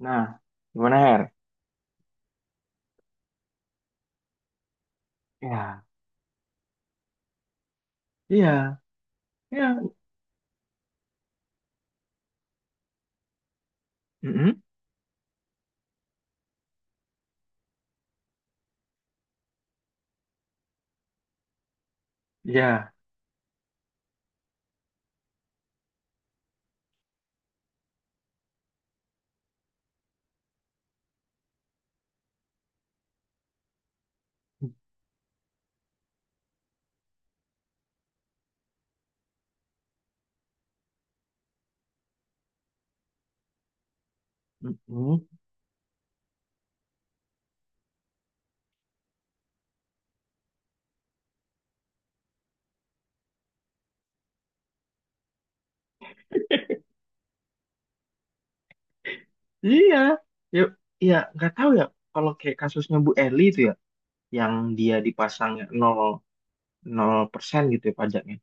Nah, gimana Her? Ya, iya, iya, mm iya, mm iya. Yuk, iya, nggak tahu ya. Kalau kayak kasusnya Bu Eli itu ya, yang dia dipasang nol nol persen gitu ya pajaknya.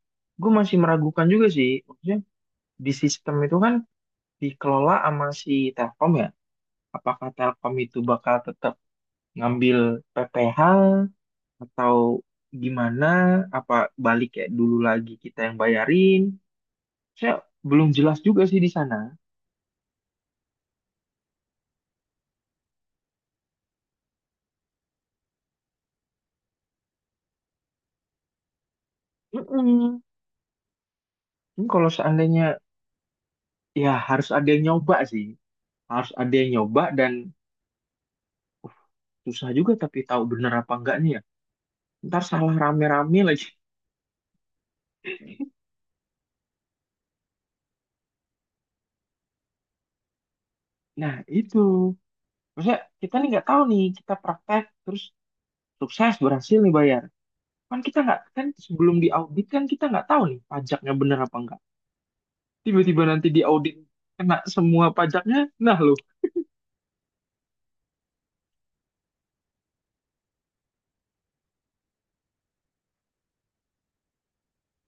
Gue masih meragukan juga sih. Maksudnya di sistem itu kan dikelola sama si Telkom ya. Apakah Telkom itu bakal tetap ngambil PPh atau gimana? Apa balik kayak dulu lagi kita yang bayarin? Saya belum jelas juga sih di sana. Mm-mm. Ini kalau seandainya ya harus ada yang nyoba sih, harus ada yang nyoba dan susah juga tapi tahu bener apa enggaknya ya. Ntar salah rame-rame lagi. Nah itu, maksudnya kita nih nggak tahu nih kita praktek terus sukses berhasil nih bayar. Kan kita nggak kan sebelum diaudit kan kita nggak tahu nih pajaknya bener apa enggak. Tiba-tiba nanti diaudit kena semua pajaknya, nah loh.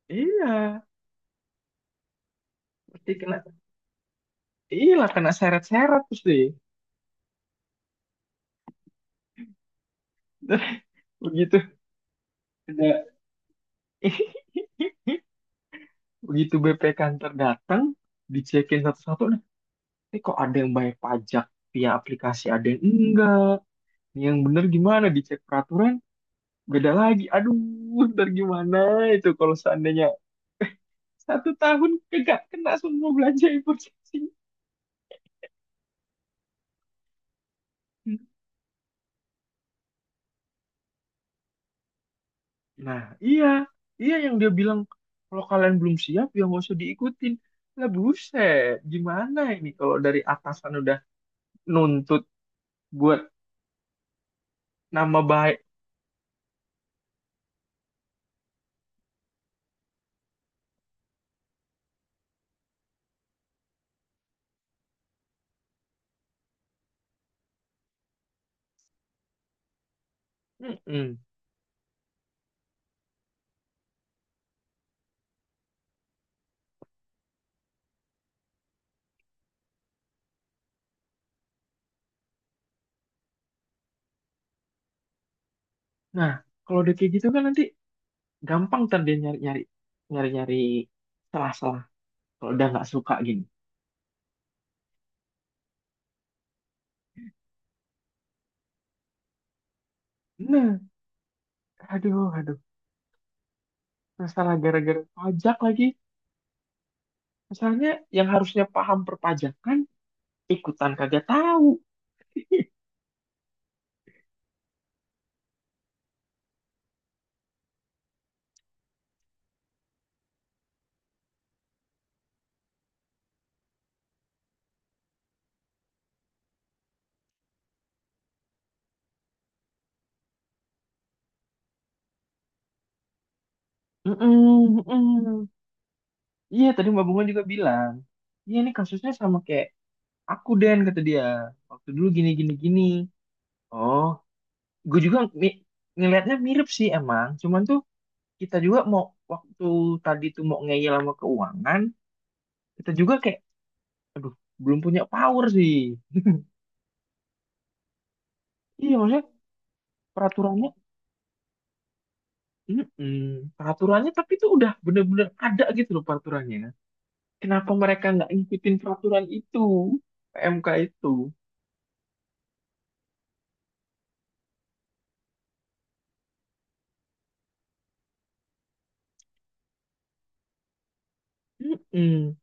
Iya, mesti kena. Iya lah kena seret-seret terus deh. Begitu. Ada begitu BP kantor datang, dicekin satu-satu nih. Ini kok ada yang bayar pajak via aplikasi, ada yang enggak. Yang bener gimana dicek peraturan, beda lagi. Aduh, ntar gimana itu kalau seandainya satu tahun kagak kena semua belanja impor casing. Nah, iya. Iya yang dia bilang, kalau kalian belum siap ya nggak usah diikutin. Lah buset, gimana ini kalau dari atasan udah nuntut buat nama baik. Mm-mm. Nah, kalau udah kayak gitu kan nanti gampang ntar dia nyari-nyari nyari-nyari salah-salah kalau udah nggak suka gini. Nah, aduh, aduh, masalah gara-gara pajak lagi. Masalahnya yang harusnya paham perpajakan ikutan kagak tahu. Mm-mm, mm-mm. Iya, tadi Mbak Bunga juga bilang. Iya, ini kasusnya sama kayak aku Den kata dia. Waktu dulu gini gini gini. Oh, gue juga ngelihatnya mirip sih emang. Cuman tuh kita juga mau waktu tadi tuh mau ngeyel sama keuangan, kita juga kayak, aduh, belum punya power sih. Iya maksudnya peraturannya, mm-mm, peraturannya tapi itu udah bener-bener ada gitu loh peraturannya. Kenapa mereka nggak ngikutin peraturan itu, PMK itu? Mm-mm,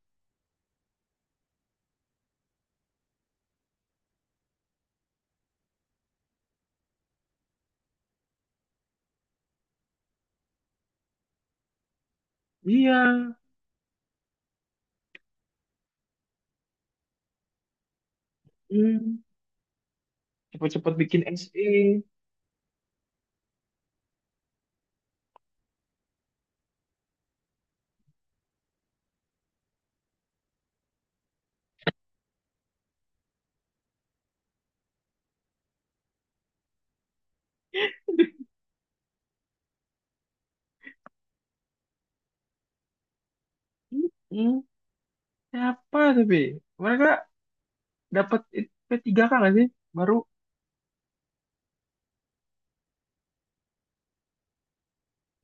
iya, mm, cepet-cepet bikin SE. Mm-mm, siapa tapi mereka dapat P3K nggak sih? Baru,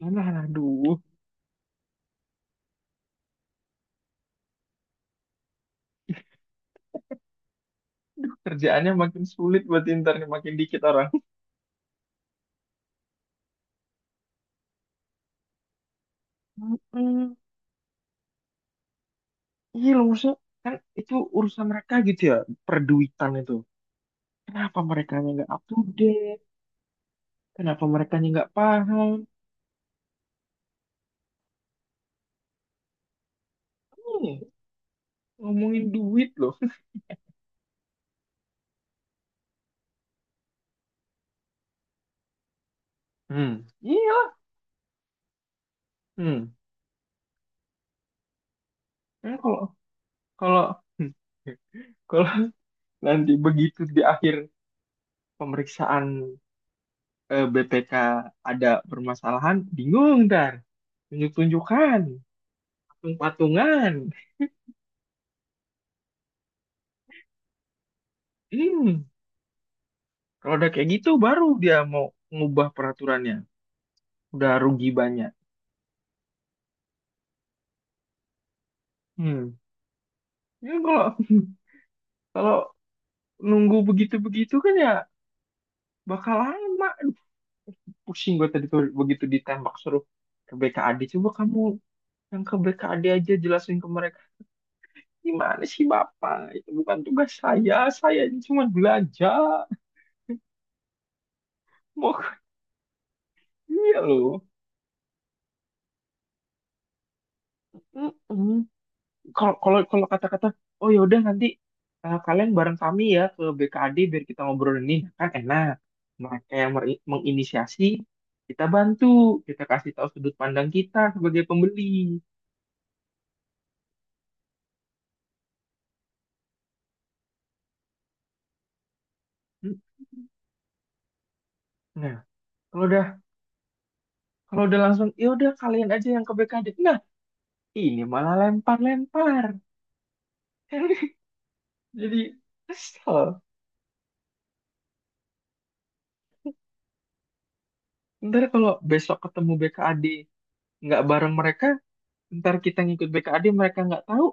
mana aduh, kerjaannya makin sulit buat Inter nih, makin dikit orang. Mm-mm. Iya loh, maksudnya kan itu urusan mereka gitu ya, perduitan itu. Kenapa mereka nggak up to date? Kenapa mereka nggak paham? Hmm, ngomongin duit loh. Hmm, iya. Hmm. Kan kalau kalau hmm, kalau nanti begitu di akhir pemeriksaan, eh, BPK ada permasalahan, bingung ntar. Tunjuk-tunjukkan, patung-patungan. Hmm. Kalau udah kayak gitu baru dia mau ngubah peraturannya. Udah rugi banyak. Hmm. Ya kalau kalau nunggu begitu-begitu kan ya bakal lama. Aduh, pusing gue tadi tuh begitu ditembak suruh ke BKAD. Coba kamu yang ke BKAD aja jelasin ke mereka. Gimana sih Bapak? Itu bukan tugas saya. Saya ini cuma belajar. Mau iya loh. Mm-mm. kalau kalau kalau kata-kata, oh ya udah nanti, eh, kalian bareng kami ya ke BKD biar kita ngobrol ini. Nah, kan enak mereka yang menginisiasi, kita bantu, kita kasih tahu sudut pandang kita sebagai pembeli. Hmm, nah kalau udah kalau udah langsung ya udah kalian aja yang ke BKD, nah ini malah lempar-lempar. Jadi kesel ntar kalau besok ketemu BKD nggak bareng mereka, ntar kita ngikut BKD mereka nggak tahu,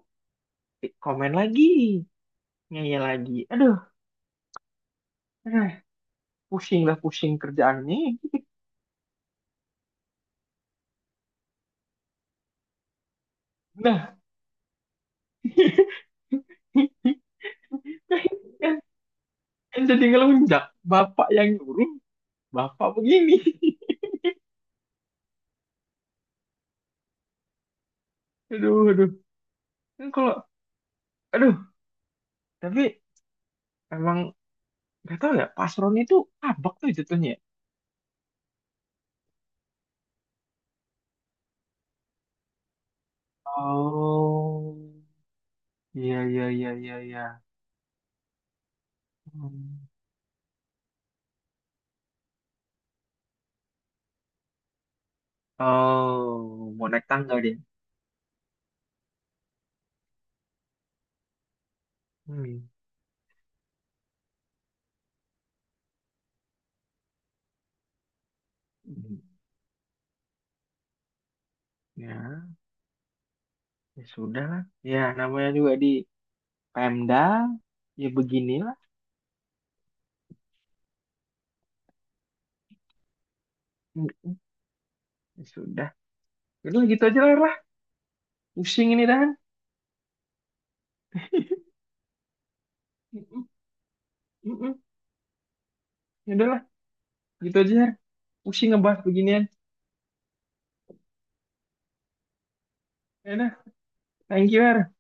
eh, komen lagi, ngeyel lagi, aduh. Eh, pusing lah, pusing kerjaan ini. Nah, kan kan jadi ngelunjak. Bapak yang nyuruh, bapak begini. Aduh, aduh. Kan kalau, aduh, tapi emang gak tau ya, Pasron itu abak tuh jatuhnya. Ya. Oh, iya, iya, iya, iya, iya. Hmm. Oh, mau naik tangga dia. Hmm. Hmm. Ya, ya sudah lah. Ya, namanya juga di Pemda, ya beginilah. Hmm. Ya sudah. Udah gitu aja lah, lah. Pusing ini Dan. Mm-mm, mm-mm. Ya udah lah, gitu aja. Har. Pusing ngebahas beginian. Ya udah, thank you, Har.